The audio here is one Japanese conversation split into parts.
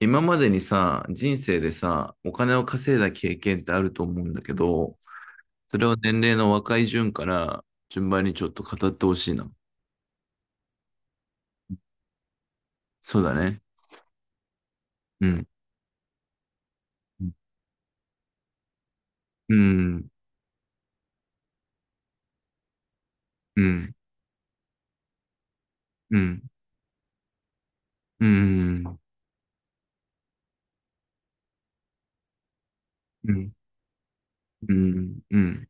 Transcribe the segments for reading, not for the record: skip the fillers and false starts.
今までにさ、人生でさ、お金を稼いだ経験ってあると思うんだけど、それを年齢の若い順から順番にちょっと語ってほしいな。そうだね。うん。うん。うん。うん。うん。うん。うん。うん。うん。うん。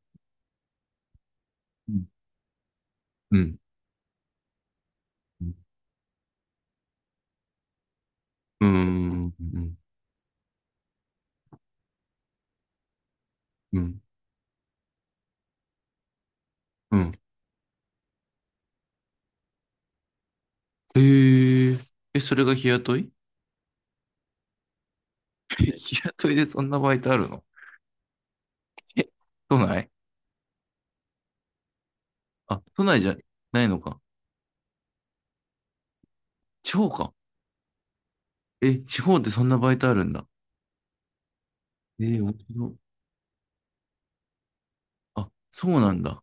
うん。うん。ええ。え、それが日雇い。日雇いでそんなバイトあるの？え、都内。あ、都内じゃないのか。地方か。え、地方ってそんなバイトあるんだ。ええ、面白い。あ、そうなんだ。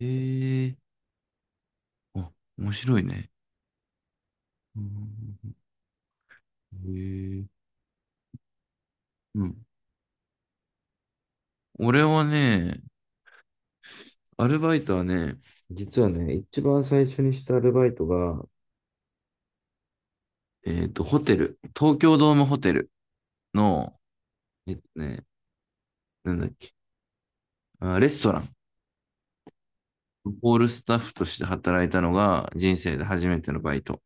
ええ、あ、面白いね。うん。ええ、うん。俺はね、アルバイトはね、実はね、一番最初にしたアルバイトが、ホテル、東京ドームホテルの、えっとね、なんだっけ、あ、レストラン、ホールスタッフとして働いたのが人生で初めてのバイト。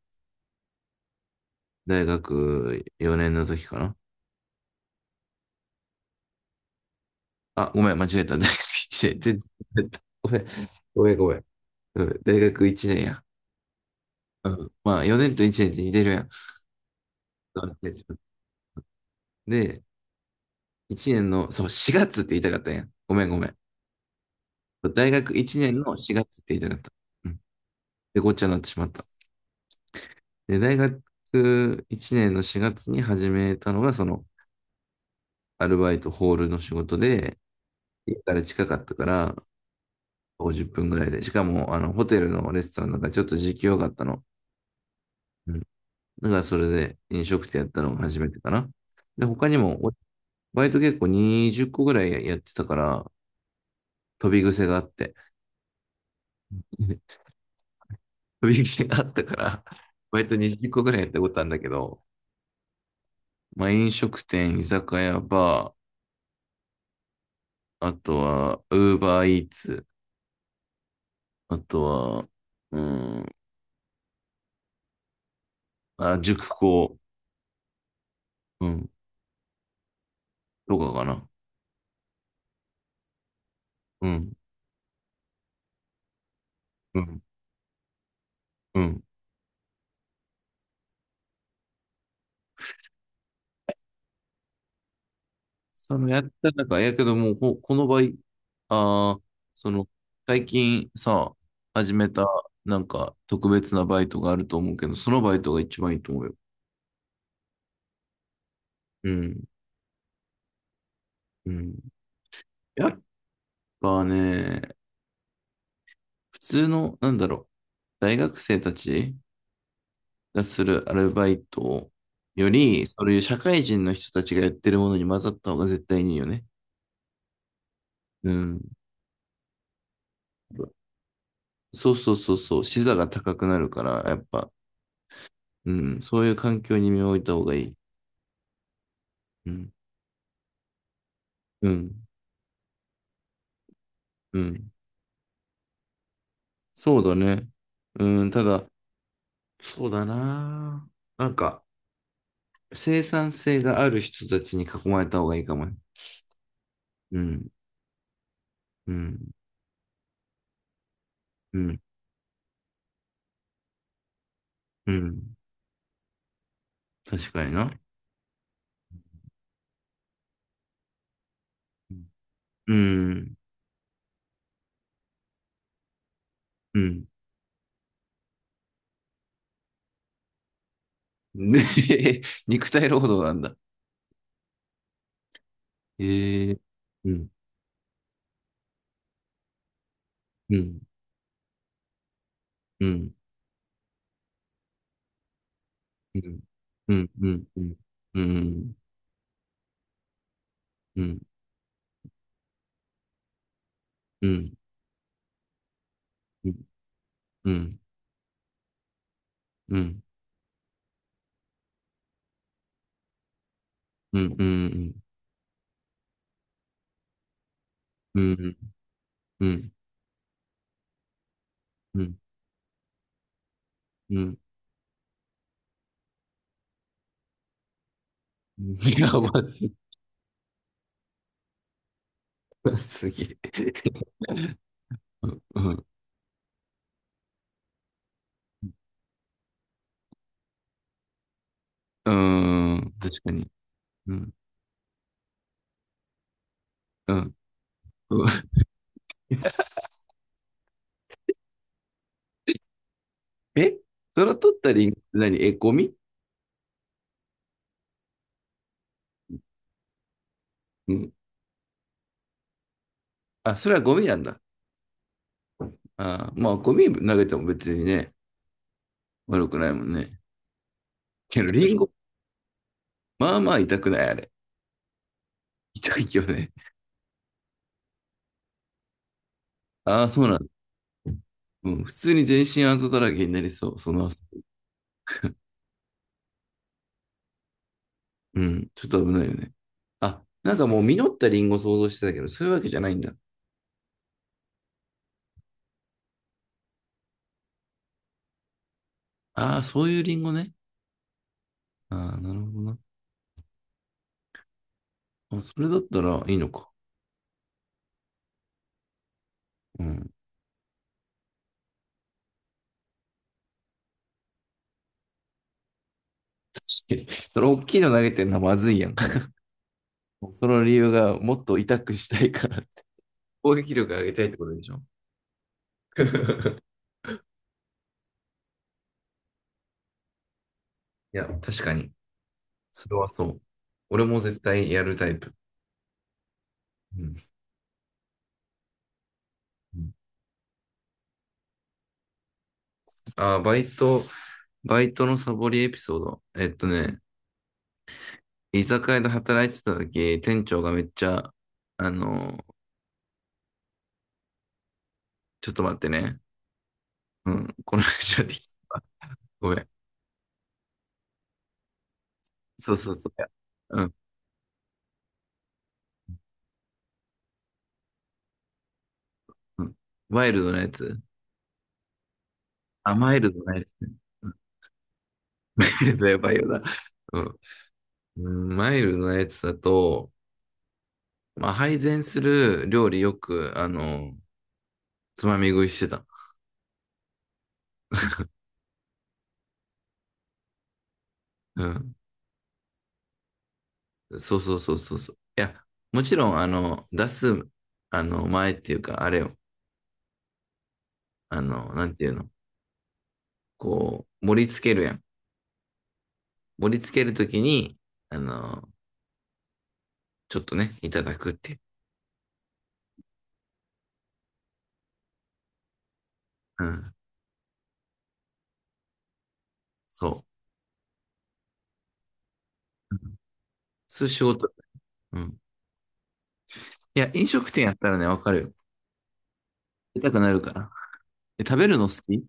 大学4年の時かな。あ、ごめん、間違えた。大学1年、全然間違えた。ごめん、ごめん、ごめん。うん、大学1年や。うん。まあ、4年と1年って似てるやん。で、1年の、そう、4月って言いたかったんや。ごめんごめん。大学1年の4月って言いたかった。うん。で、ごっちゃになってしまった。で、大学1年の4月に始めたのが、その、アルバイトホールの仕事で、家から近かったから、50分ぐらいで。しかも、あの、ホテルのレストランだからちょっと時給良かったの。うん。だからそれで飲食店やったのが初めてかな。で、他にも、バイト結構20個ぐらいやってたから、飛び癖があって。飛び癖があったから、バイト20個ぐらいやったことあるんだけど、まあ飲食店、居酒屋、バー、あとは、ウーバーイーツ、あとは、うん、あ、塾講、うん、とかかな。うん、うん、うん。そのやった中、やけどもうこの場合、ああ、その、最近さ、始めた、なんか、特別なバイトがあると思うけど、そのバイトが一番いいと思うよ。うん。うん。やっぱね、普通の、なんだろう、大学生たちがするアルバイトより、そういう社会人の人たちがやってるものに混ざった方が絶対にいいよね。うん。そうそうそうそう、視座が高くなるから、やっぱ、うん、そういう環境に身を置いた方がいい。うん。うん。うん。そうだね。うん、ただ、そうだな。なんか、生産性がある人たちに囲まれた方がいいかもね。うん。うん。うん。うん。確かにな。うんうん。ねえ、ね、肉体労働なんだ。ええ。うん。うん。うん。うん。うん。うん。うん。うん。うん。うん。うん。うん。うん。うん。うん。うん。うん。うん。うん。やばすぎ。すげえ。うん。うん。確かに。うん。うん。え、それ取ったリンクって何？え、ゴミ？うん。あ、それはゴミなんだ。ああ、まあ、ゴミ投げても別にね、悪くないもんね。けど、リンゴ、まあまあ痛くない、あれ。痛いよね。ああ、そうなんだ。うん、普通に全身あざだらけになりそう、その朝。うん、ちょっと危ないよね。あ、なんかもう実ったリンゴ想像してたけど、そういうわけじゃないんだ。ああ、そういうリンゴね。ああ、なるほどな。あ、それだったらいいのか。うん。確かに。それ大きいの投げてんのはまずいやん。その理由がもっと痛くしたいから、攻撃力上げたいってことでしょ。いや、確かに。それはそう。俺も絶対やるタイプ。うん。うん、あー、バイト、バイトのサボりエピソード。えっとね、居酒屋で働いてた時、店長がめっちゃ、あの、ちょっと待ってね。うん。この話はでき、ごめん。そうそうそう。いや、うん。うん。ワイルドなやつ。あ、マイルドなやつね。うん。 マイルドやばいよな。うん。うん、マイルドなやつだと、まあ、配膳する料理よく、あの、つまみ食いしてた。うん。そうそうそうそうそう。いや、もちろん、あの、出す、あの、前っていうか、あれを、あの、なんていうの、こう、盛り付けるやん。盛り付けるときに、あの、ちょっとね、いただくっていう。うん、そう。うん、そういう仕事。うん。いや、飲食店やったらね、わかるよ。出たくなるから。え、食べるの好き？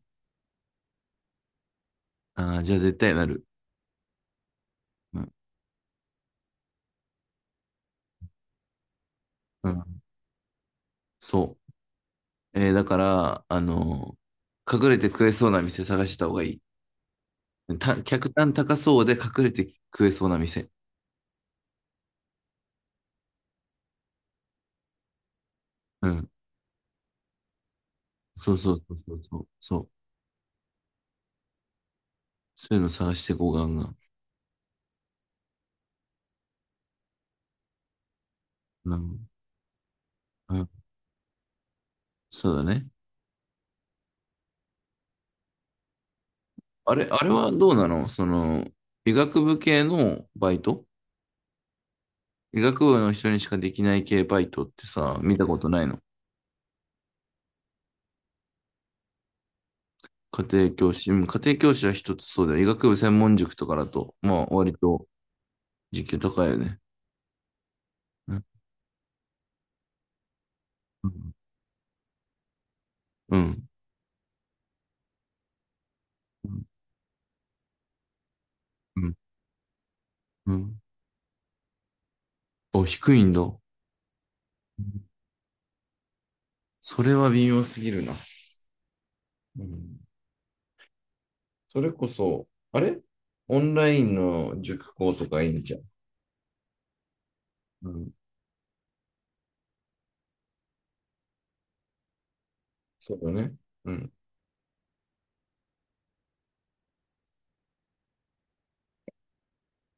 あー、じゃあ絶対なる。うん。うん。そう。だから、あの、隠れて食えそうな店探した方がいい。客単高そうで隠れて食えそうな店。うん。そうそうそうそうそう。そう。そういうの探してこうガンガン。うん。うん。そうだね。あれはどうなの、その、医学部系のバイト。医学部の人にしかできない系バイトってさ、見たことないの？家庭教師。うん、家庭教師は一つそうだよ。医学部専門塾とかだと、まあ、割と時給高いよね。うん。うん。うん。うん。うん。お、低いんだ。うん、それは微妙すぎるな。うん、それこそ、あれ、オンラインの塾講とかいいんじゃん。うん。そうだね。うん。